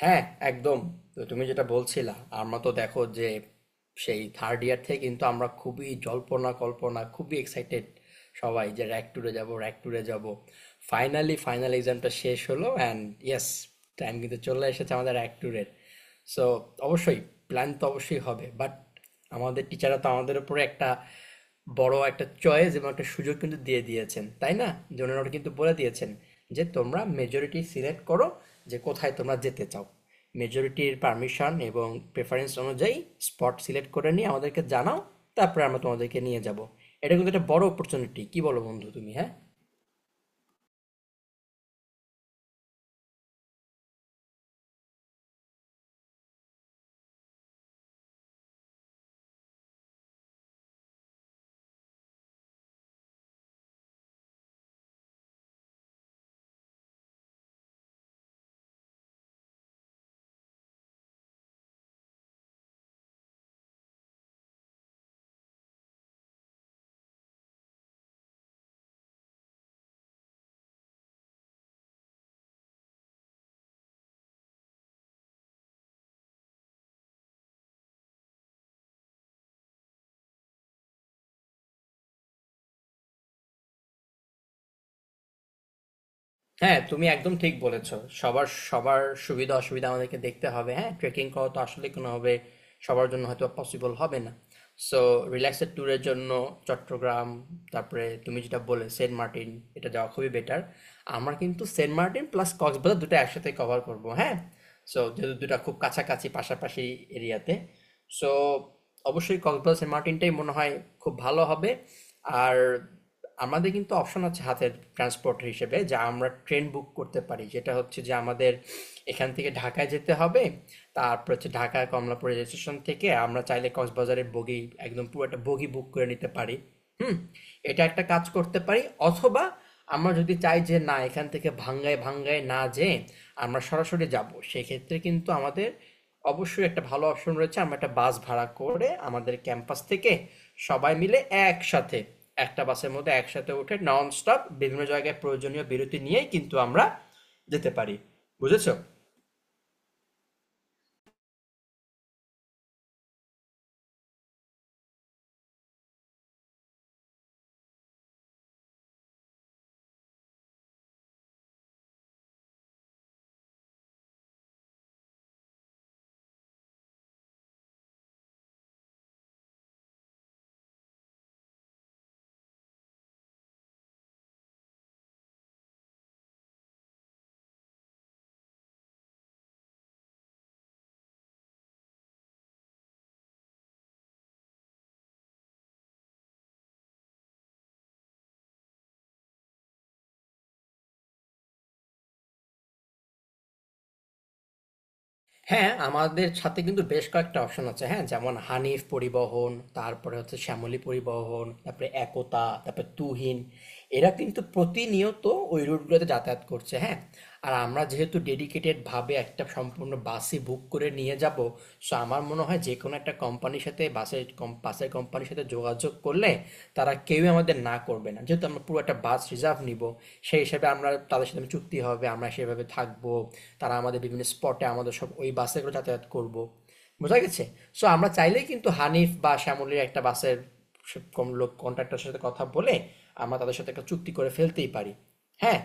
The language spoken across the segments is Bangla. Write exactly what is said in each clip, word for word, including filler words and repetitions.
হ্যাঁ, একদম। তো তুমি যেটা বলছিলা, আমরা তো দেখো যে সেই থার্ড ইয়ার থেকে কিন্তু আমরা খুবই জল্পনা কল্পনা, খুবই এক্সাইটেড সবাই যে র্যাক ট্যুরে যাব র্যাক ট্যুরে যাব ফাইনালি ফাইনাল এক্সামটা শেষ হলো অ্যান্ড ইয়েস, টাইম কিন্তু চলে এসেছে আমাদের র্যাক ট্যুরের। সো অবশ্যই প্ল্যান তো অবশ্যই হবে, বাট আমাদের টিচাররা তো আমাদের উপরে একটা বড় একটা চয়েস এবং একটা সুযোগ কিন্তু দিয়ে দিয়েছেন, তাই না? যে ওনারা কিন্তু বলে দিয়েছেন যে তোমরা মেজরিটি সিলেক্ট করো যে কোথায় তোমরা যেতে চাও, মেজরিটির পারমিশন এবং প্রেফারেন্স অনুযায়ী স্পট সিলেক্ট করে নিয়ে আমাদেরকে জানাও, তারপরে আমরা তোমাদেরকে নিয়ে যাব। এটা কিন্তু একটা বড় অপরচুনিটি, কি বলো বন্ধু তুমি? হ্যাঁ, হ্যাঁ তুমি একদম ঠিক বলেছো। সবার সবার সুবিধা অসুবিধা আমাদেরকে দেখতে হবে। হ্যাঁ, ট্রেকিং করা তো আসলে কোনোভাবে সবার জন্য হয়তো পসিবল হবে না। সো রিল্যাক্সের ট্যুরের জন্য চট্টগ্রাম, তারপরে তুমি যেটা বলে সেন্ট মার্টিন, এটা যাওয়া খুবই বেটার। আমরা কিন্তু সেন্ট মার্টিন প্লাস কক্সবাজার দুটো একসাথে কভার করব। হ্যাঁ, সো যেহেতু দুটা খুব কাছাকাছি পাশাপাশি এরিয়াতে, সো অবশ্যই কক্সবাজার সেন্ট মার্টিনটাই মনে হয় খুব ভালো হবে। আর আমাদের কিন্তু অপশন আছে হাতের ট্রান্সপোর্ট হিসেবে, যা আমরা ট্রেন বুক করতে পারি, যেটা হচ্ছে যে আমাদের এখান থেকে ঢাকায় যেতে হবে, তারপর হচ্ছে ঢাকা কমলাপুর রেল স্টেশন থেকে আমরা চাইলে কক্সবাজারের বগি, একদম পুরো একটা বগি বুক করে নিতে পারি। হুম, এটা একটা কাজ করতে পারি। অথবা আমরা যদি চাই যে না, এখান থেকে ভাঙ্গায় ভাঙ্গায় না যেয়ে আমরা সরাসরি যাব, সেক্ষেত্রে কিন্তু আমাদের অবশ্যই একটা ভালো অপশন রয়েছে। আমরা একটা বাস ভাড়া করে আমাদের ক্যাম্পাস থেকে সবাই মিলে একসাথে একটা বাসের মধ্যে একসাথে উঠে নন স্টপ বিভিন্ন জায়গায় প্রয়োজনীয় বিরতি নিয়েই কিন্তু আমরা যেতে পারি। বুঝেছো? হ্যাঁ, আমাদের সাথে কিন্তু বেশ কয়েকটা অপশন আছে। হ্যাঁ, যেমন হানিফ পরিবহন, তারপরে হচ্ছে শ্যামলী পরিবহন, তারপরে একতা, তারপরে তুহিন। এরা কিন্তু প্রতিনিয়ত ওই রুটগুলোতে যাতায়াত করছে। হ্যাঁ, আর আমরা যেহেতু ডেডিকেটেড ভাবে একটা সম্পূর্ণ বাসই বুক করে নিয়ে যাব, সো আমার মনে হয় যে কোনো একটা কোম্পানির সাথে বাসের কম বাসের কোম্পানির সাথে যোগাযোগ করলে তারা কেউই আমাদের না করবে না, যেহেতু আমরা পুরো একটা বাস রিজার্ভ নিব। সেই হিসাবে আমরা তাদের সাথে চুক্তি হবে, আমরা সেভাবে থাকবো, তারা আমাদের বিভিন্ন স্পটে আমাদের সব ওই বাসে করে যাতায়াত করব। বোঝা গেছে? সো আমরা চাইলেই কিন্তু হানিফ বা শ্যামলীর একটা বাসের সব কম লোক কন্ট্রাক্টরের সাথে কথা বলে আমরা তাদের সাথে একটা চুক্তি করে ফেলতেই পারি। হ্যাঁ,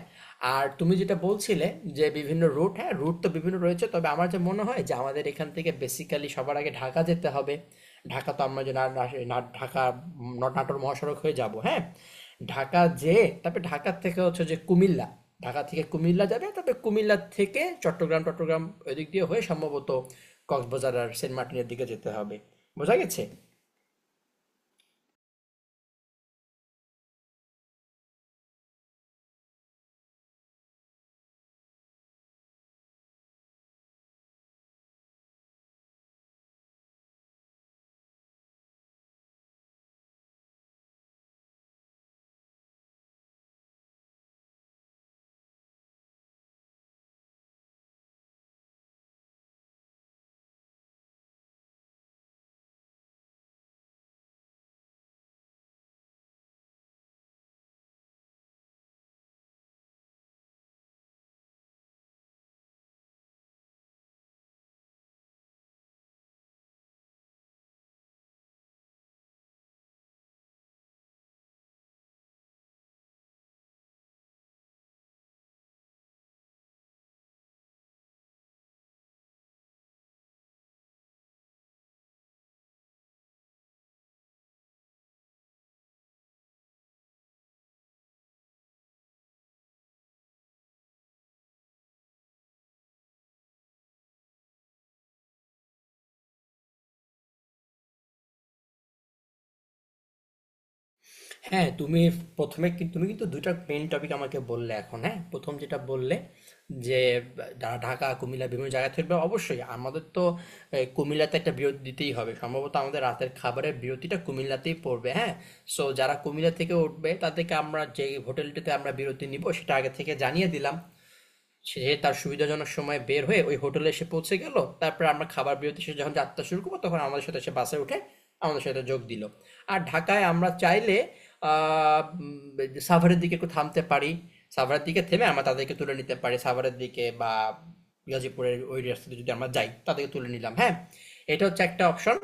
আর তুমি যেটা বলছিলে যে বিভিন্ন রুট, হ্যাঁ, রুট তো বিভিন্ন রয়েছে। তবে আমার যা মনে হয় যে আমাদের এখান থেকে বেসিক্যালি সবার আগে ঢাকা যেতে হবে। ঢাকা তো আমরা যে না না- না- ঢাকা উম, নাটোর মহাসড়ক হয়ে যাব। হ্যাঁ, ঢাকা যেয়ে তারপরে ঢাকা থেকে হচ্ছে যে কুমিল্লা, ঢাকা থেকে কুমিল্লা যাবে। তারপরে কুমিল্লা থেকে চট্টগ্রাম চট্টগ্রাম ওই দিক দিয়ে হয়ে সম্ভবত কক্সবাজার আর সেন্ট মার্টিনের দিকে যেতে হবে। বোঝা গেছে? হ্যাঁ, তুমি প্রথমে কি- তুমি কিন্তু দুইটা মেইন টপিক আমাকে বললে এখন। হ্যাঁ, প্রথম যেটা বললে যে ঢা- ঢাকা কুমিল্লা বিভিন্ন জায়গা থেকে, বা অবশ্যই আমাদের তো এ, কুমিল্লাতে একটা বিরতি দিতেই হবে, সম্ভবত আমাদের রাতের খাবারের বিরতিটা কুমিল্লাতেই পড়বে। হ্যাঁ, সো যারা কুমিল্লা থেকে উঠবে তাদেরকে আমরা যে হোটেলটিতে আমরা বিরতি নিব সেটা আগে থেকে জানিয়ে দিলাম, সে তার সুবিধাজনক সময়ে বের হয়ে ওই হোটেলে এসে পৌঁছে গেল। তারপরে আমরা খাবার বিরতি শেষে যখন যাত্রা শুরু করবো তখন আমাদের সাথে সে বাসে উঠে আমাদের সাথে যোগ দিল। আর ঢাকায় আমরা চাইলে আহ, উম, সাভারের দিকে একটু থামতে পারি, সাভারের দিকে থেমে আমরা তাদেরকে তুলে নিতে পারি সাভারের দিকে, বা গাজীপুরের ওই রাস্তাতে যদি আমরা যাই তাদেরকে তুলে নিলাম। হ্যাঁ, এটা হচ্ছে একটা অপশন।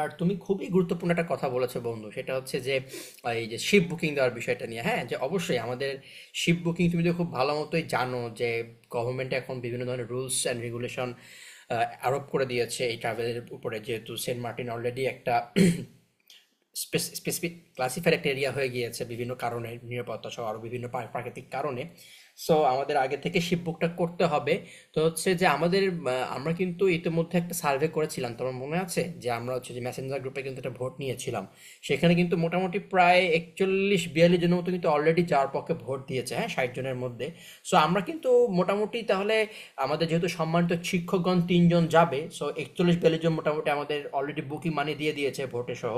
আর তুমি খুবই গুরুত্বপূর্ণ একটা কথা বলেছো বন্ধু, সেটা হচ্ছে যে আহ, এই যে শিপ বুকিং দেওয়ার বিষয়টা নিয়ে। হ্যাঁ, যে অবশ্যই আমাদের শিপ বুকিং, তুমি তো খুব ভালো মতোই জানো যে গভর্নমেন্ট এখন বিভিন্ন ধরনের রুলস অ্যান্ড রেগুলেশন আরোপ করে দিয়েছে এই ট্রাভেলের উপরে, যেহেতু সেন্ট মার্টিন অলরেডি একটা স্পেসিফিক ক্লাসিফাইড একটা এরিয়া হয়ে গিয়েছে বিভিন্ন কারণে, নিরাপত্তা সহ আরও বিভিন্ন প্রা- প্রাকৃতিক কারণে। সো আমাদের আগে থেকে শিপ বুকটা করতে হবে। তো হচ্ছে যে আমাদের, আহ, আমরা কিন্তু ইতিমধ্যে একটা সার্ভে করেছিলাম, তোমার মনে আছে, যে আমরা হচ্ছে যে মেসেঞ্জার গ্রুপে কিন্তু একটা ভোট নিয়েছিলাম। সেখানে কিন্তু মোটামুটি প্রায় একচল্লিশ বিয়াল্লিশ জনের মতো কিন্তু অলরেডি যাওয়ার পক্ষে ভোট দিয়েছে। হ্যাঁ, ষাট জনের মধ্যে। সো আমরা কিন্তু মোটামুটি তাহলে, আমাদের যেহেতু সম্মানিত শিক্ষকগণ তিনজন যাবে, সো একচল্লিশ বিয়াল্লিশ জন মোটামুটি আমাদের অলরেডি বুকিং মানি দিয়ে দিয়েছে ভোটে সহ।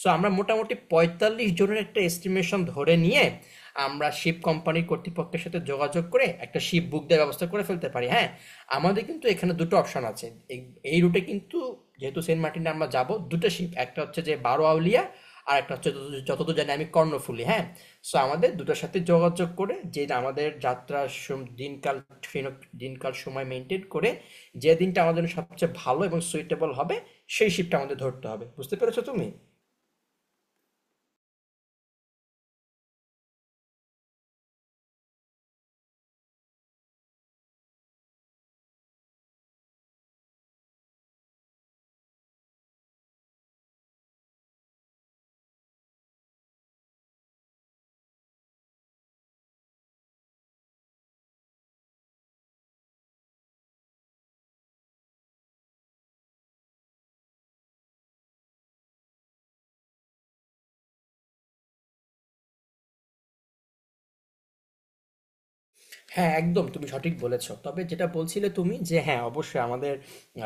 সো আমরা মোটামুটি পঁয়তাল্লিশ জনের একটা এস্টিমেশন ধরে নিয়ে আমরা শিপ কোম্পানির কর্তৃপক্ষের সাথে যোগাযোগ করে একটা শিপ বুক দেওয়ার ব্যবস্থা করে ফেলতে পারি। হ্যাঁ, আমাদের কিন্তু এখানে দুটো অপশন আছে। এই এই রুটে কিন্তু, যেহেতু সেন্ট মার্টিনে আমরা যাব, দুটো শিপ, একটা হচ্ছে যে বারো আউলিয়া, আর একটা হচ্ছে যতদূর- যতদূর জানি আমি কর্ণফুলি। হ্যাঁ, সো আমাদের দুটোর সাথে যোগাযোগ করে যে আমাদের যাত্রার সম- দিনকাল ট্রেন- দিনকাল সময় মেনটেন করে যে দিনটা আমাদের জন্য সবচেয়ে ভালো এবং সুইটেবল হবে সেই শিপটা আমাদের ধরতে হবে। বুঝতে পেরেছো তুমি? হ্যাঁ, একদম, তুমি সঠিক বলেছ। তবে যেটা বলছিলে তুমি যে হ্যাঁ, অবশ্যই আমাদের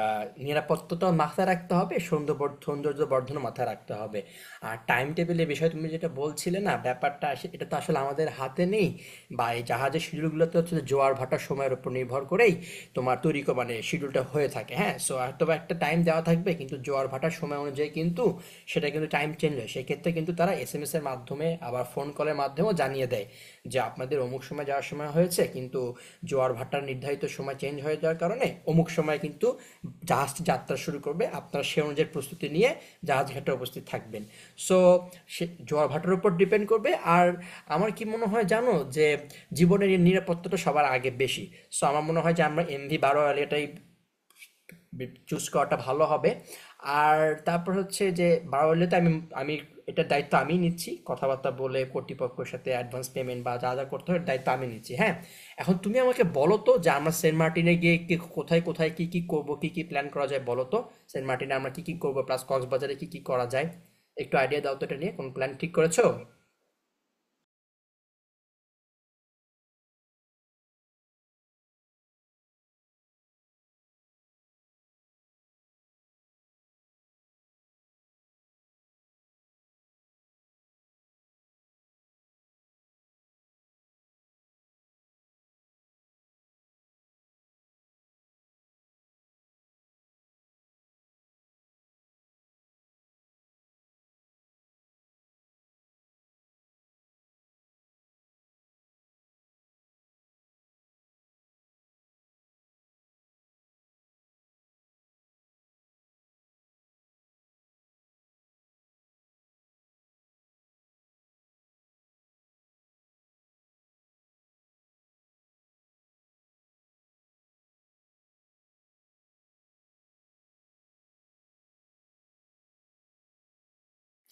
আ নিরাপত্তাটাও মাথায় রাখতে হবে, সৌন্দবর সৌন্দর্যবর্ধনও মাথায় রাখতে হবে। আর টাইম টেবিলের বিষয়ে তুমি যেটা বলছিলে না, ব্যাপারটা আসে, এটা তো আসলে আমাদের হাতে নেই, বা এই জাহাজের শিডিউলগুলো তো হচ্ছে জোয়ার ভাটার সময়ের উপর নির্ভর করেই তোমার তৈরি ক- মানে শিডিউলটা হয়ে থাকে। হ্যাঁ, সো হয়তো বা একটা টাইম দেওয়া থাকবে কিন্তু জোয়ার ভাটার সময় অনুযায়ী কিন্তু সেটা কিন্তু টাইম চেঞ্জ হয়, সেক্ষেত্রে কিন্তু তারা এস এম এস এর মাধ্যমে আবার ফোন কলের মাধ্যমেও জানিয়ে দেয় যে আপনাদের অমুক সময় যাওয়ার সময় হয়েছে, কিন্তু জোয়ার ভাটার নির্ধারিত সময় চেঞ্জ হয়ে যাওয়ার কারণে অমুক সময় কিন্তু জাহাজটি যাত্রা শুরু করবে, আপনারা সে অনুযায়ী প্রস্তুতি নিয়ে জাহাজ ঘাটে উপস্থিত থাকবেন। সো সে জোয়ার ভাটার উপর ডিপেন্ড করবে। আর আমার কি মনে হয় জানো, যে জীবনের এই নিরাপত্তাটা সবার আগে বেশি। সো আমার মনে হয় যে আমরা এমভি বারো, এটাই চুজ করাটা ভালো হবে। আর তারপর হচ্ছে যে বারোয়ারিতে আমি আমি এটার দায়িত্ব আমি নিচ্ছি, কথাবার্তা বলে কর্তৃপক্ষের সাথে অ্যাডভান্স পেমেন্ট বা যা যা করতে হয় এর দায়িত্ব আমি নিচ্ছি। হ্যাঁ, এখন তুমি আমাকে বলো তো যে আমরা সেন্ট মার্টিনে গিয়ে কি কোথায় কোথায় কি কি করব, কি কি প্ল্যান করা যায় বলো তো? সেন্ট মার্টিনে আমরা কি কি করব প্লাস কক্সবাজারে কি কি করা যায়, একটু আইডিয়া দাও তো, এটা নিয়ে কোন প্ল্যান ঠিক করেছো?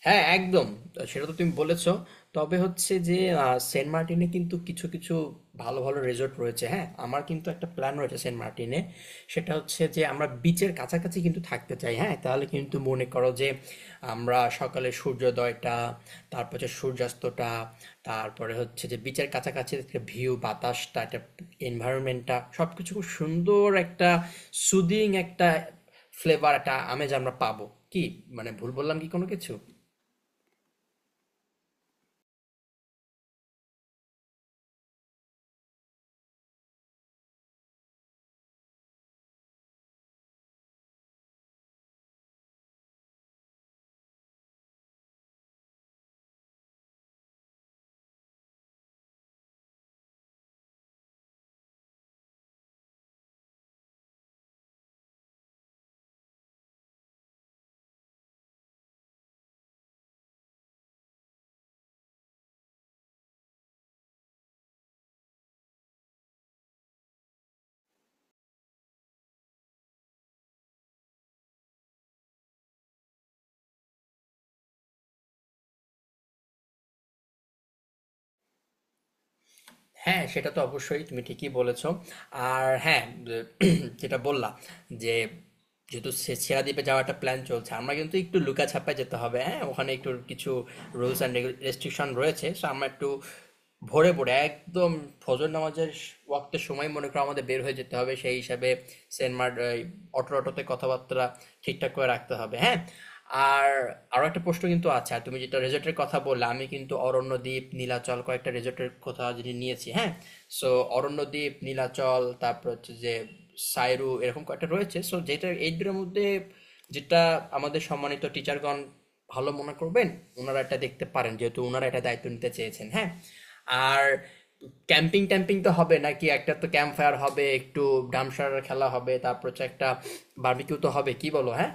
হ্যাঁ, একদম, সেটা তো তুমি বলেছো। তবে হচ্ছে যে আহ, সেন্ট মার্টিনে কিন্তু কিছু কিছু ভালো ভালো রিসোর্ট রয়েছে। হ্যাঁ, আমার কিন্তু একটা প্ল্যান রয়েছে সেন্ট মার্টিনে, সেটা হচ্ছে যে আমরা বিচের কাছাকাছি কিন্তু থাকতে চাই। হ্যাঁ, তাহলে কিন্তু মনে করো যে আমরা সকালে সূর্যোদয়টা, তারপর হচ্ছে সূর্যাস্তটা, তারপরে হচ্ছে যে বিচের কাছাকাছি একটা ভিউ, বাতাসটা, একটা এনভায়রনমেন্টটা সবকিছু খুব সুন্দর একটা সুদিং একটা ফ্লেভার, একটা আমেজ আমরা পাবো। কি, মানে ভুল বললাম কি কোনো কিছু? হ্যাঁ, সেটা তো অবশ্যই তুমি ঠিকই বলেছ। আর হ্যাঁ, যে যেটা বললা যে যেহেতু সে সেরা দ্বীপে যাওয়ার একটা প্ল্যান চলছে, আমরা কিন্তু একটু লুকাছাপায় যেতে হবে, হ্যাঁ? ওখানে একটু কিছু রুলস অ্যান্ড রেস্ট্রিকশন রয়েছে। সো আমরা একটু ভোরে ভোরে একদম ফজর নামাজের স- ওয়াক্তের সময় মনে করো আমাদের বের হয়ে যেতে হবে। সেই হিসাবে সেন্ট মার্ট, অটো অটোতে কথাবার্তা ঠিকঠাক করে রাখতে হবে। হ্যাঁ, আর আরো একটা প্রশ্ন কিন্তু আছে। আর তুমি যেটা রেজর্টের কথা বললে, আমি কিন্তু অরণ্যদ্বীপ, নীলাচল, কয়েকটা রেজর্টের কথা যদি নিয়েছি। হ্যাঁ, সো অরণ্যদ্বীপ, নীলাচল, তারপর হচ্ছে যে সাইরু, এরকম কয়েকটা রয়েছে। সো যেটা এই দুটোর মধ্যে যেটা আমাদের সম্মানিত টিচারগণ ভালো মনে করবেন, ওনারা এটা দেখতে পারেন, যেহেতু ওনারা এটা দায়িত্ব নিতে চেয়েছেন। হ্যাঁ, আর ক্যাম্পিং ট্যাম্পিং তো হবে নাকি? একটা তো ক্যাম্প ফায়ার হবে, একটু ডামসার খেলা হবে, তারপর হচ্ছে একটা বার্বিকিউ তো হবে, কি বলো? হ্যাঁ।